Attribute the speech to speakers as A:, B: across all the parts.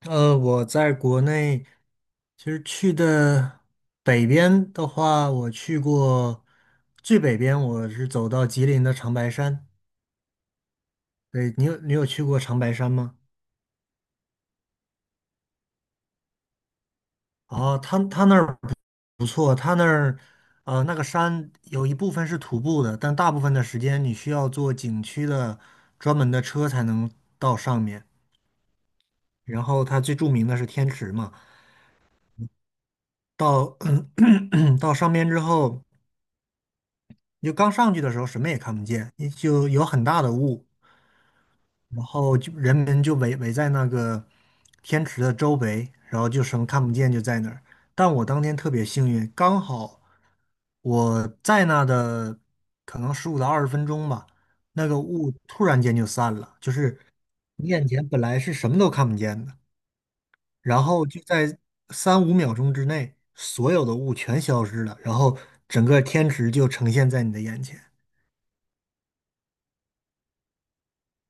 A: 我在国内其实去的北边的话，我去过最北边，我是走到吉林的长白山。对，你有去过长白山吗？哦，他那儿不错，他那儿那个山有一部分是徒步的，但大部分的时间你需要坐景区的专门的车才能到上面。然后它最著名的是天池嘛，到 到上面之后。你就刚上去的时候什么也看不见，你就有很大的雾，然后就人们就围在那个天池的周围，然后就什么看不见就在那儿。但我当天特别幸运，刚好我在那的可能15到20分钟吧，那个雾突然间就散了，就是你眼前本来是什么都看不见的，然后就在3、5秒钟之内，所有的雾全消失了，然后整个天池就呈现在你的眼前。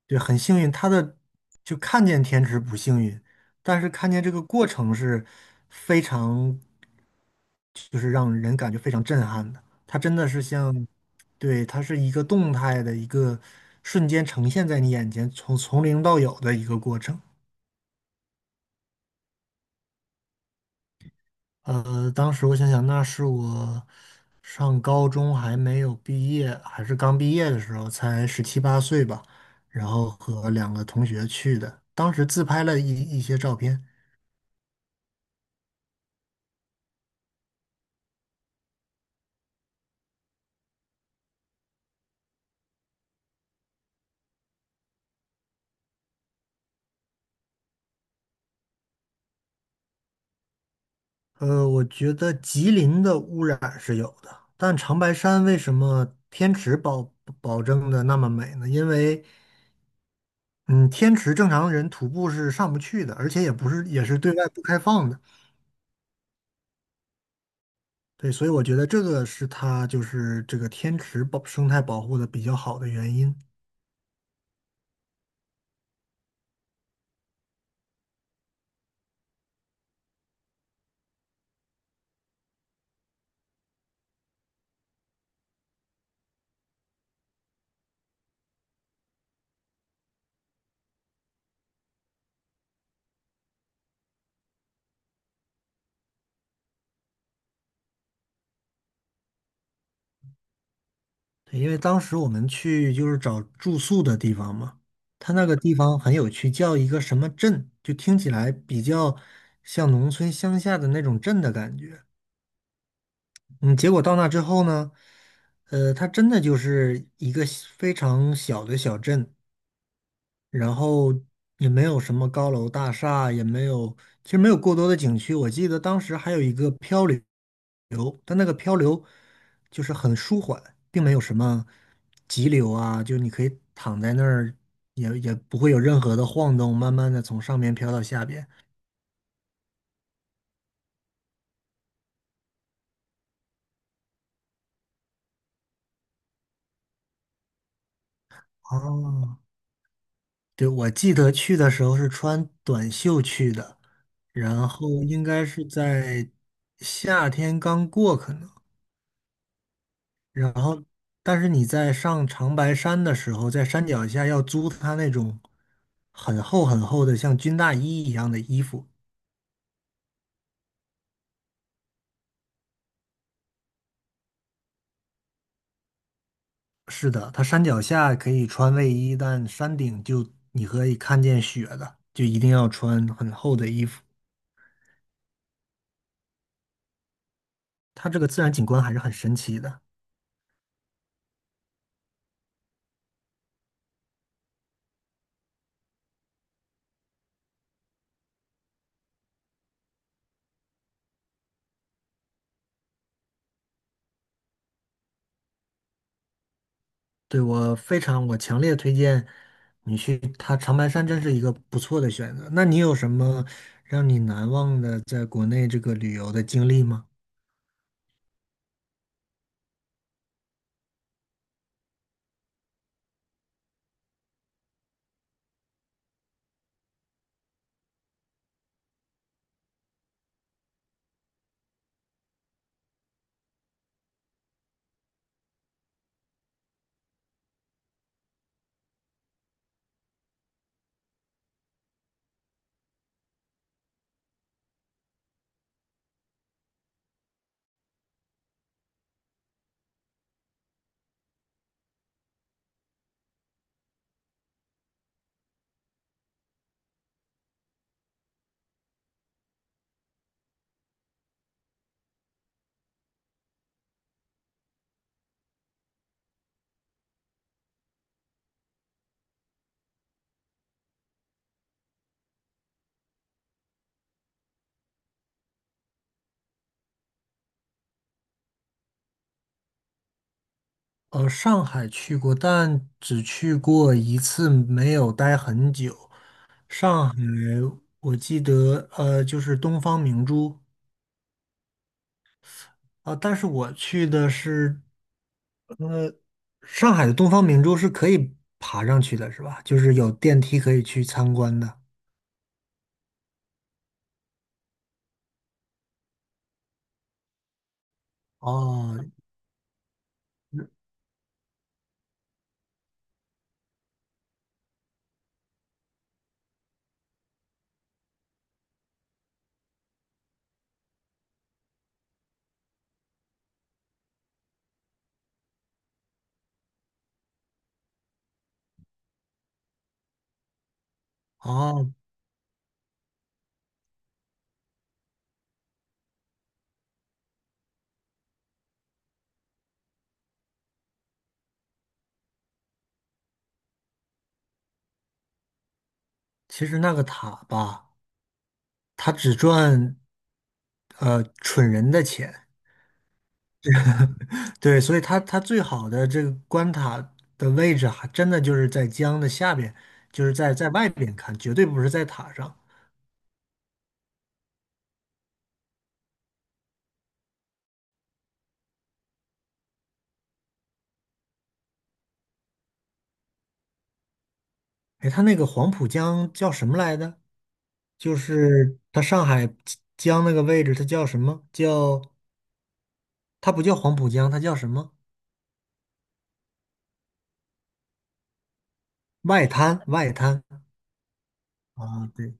A: 对，很幸运，他的就看见天池不幸运，但是看见这个过程是非常，就是让人感觉非常震撼的。它真的是像，对，它是一个动态的一个瞬间呈现在你眼前，从零到有的一个过程。当时我想想，那是我上高中还没有毕业，还是刚毕业的时候，才17、8岁吧，然后和2个同学去的，当时自拍了一些照片。我觉得吉林的污染是有的，但长白山为什么天池保证的那么美呢？因为，嗯，天池正常人徒步是上不去的，而且也不是也是对外不开放的。对，所以我觉得这个是它就是这个天池保生态保护的比较好的原因。对，因为当时我们去就是找住宿的地方嘛，它那个地方很有趣，叫一个什么镇，就听起来比较像农村乡下的那种镇的感觉。嗯，结果到那之后呢，它真的就是一个小非常小的小镇，然后也没有什么高楼大厦，也没有，其实没有过多的景区。我记得当时还有一个漂流，但那个漂流就是很舒缓，并没有什么急流啊，就你可以躺在那儿，也不会有任何的晃动，慢慢的从上面飘到下边。哦，对，我记得去的时候是穿短袖去的，然后嗯应该是在夏天刚过可能，然后但是你在上长白山的时候，在山脚下要租他那种很厚很厚的像军大衣一样的衣服。是的，它山脚下可以穿卫衣，但山顶就你可以看见雪的，就一定要穿很厚的衣服。它这个自然景观还是很神奇的。对，我非常，我强烈推荐你去它长白山，真是一个不错的选择。那你有什么让你难忘的在国内这个旅游的经历吗？上海去过，但只去过一次，没有待很久。上海，我记得，就是东方明珠啊，但是我去的是上海的东方明珠是可以爬上去的，是吧？就是有电梯可以去参观的。哦哦，其实那个塔吧，它只赚蠢人的钱，对，所以它最好的这个关塔的位置还真的就是在江的下边，就是在外边看，绝对不是在塔上。哎，它那个黄浦江叫什么来的？就是它上海江那个位置，它叫什么？叫它不叫黄浦江，它叫什么？外滩，外滩啊，对，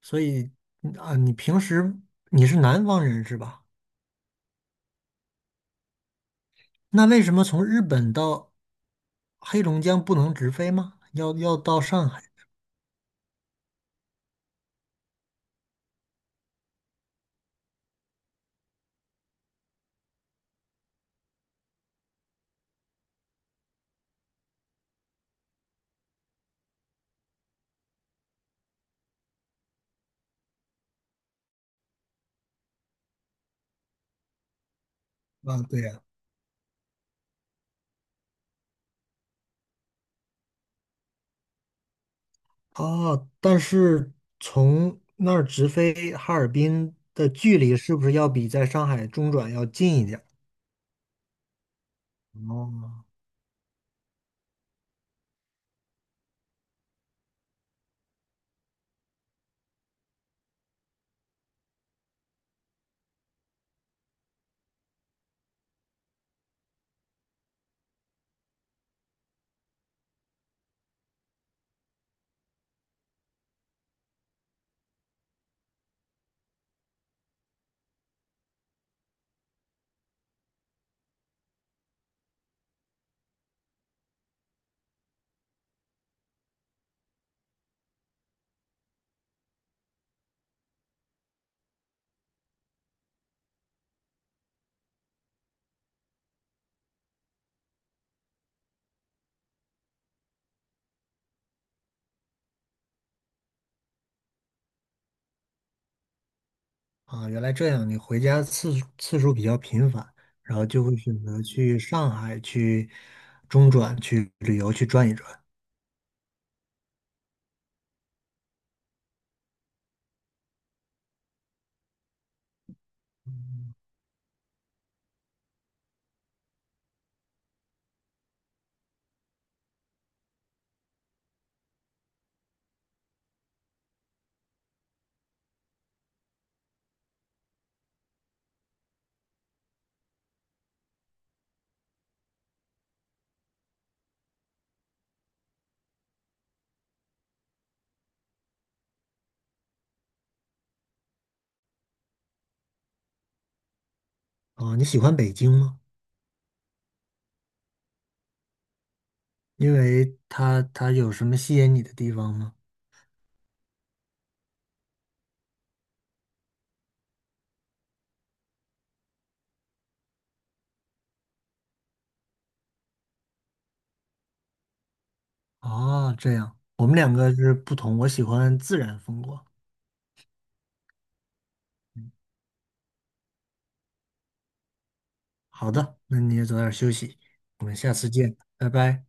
A: 所以嗯啊，你平时你是南方人是吧？那为什么从日本到黑龙江不能直飞吗？要到上海啊，对呀，啊！但是从那儿直飞哈尔滨的距离是不是要比在上海中转要近一点儿哦，啊，原来这样，你回家次数比较频繁，然后就会选择去上海去中转去旅游去转一转。啊，你喜欢北京吗？因为它有什么吸引你的地方吗？哦，这样，我们两个是不同，我喜欢自然风光。好的，那你也早点休息，我们下次见，拜拜。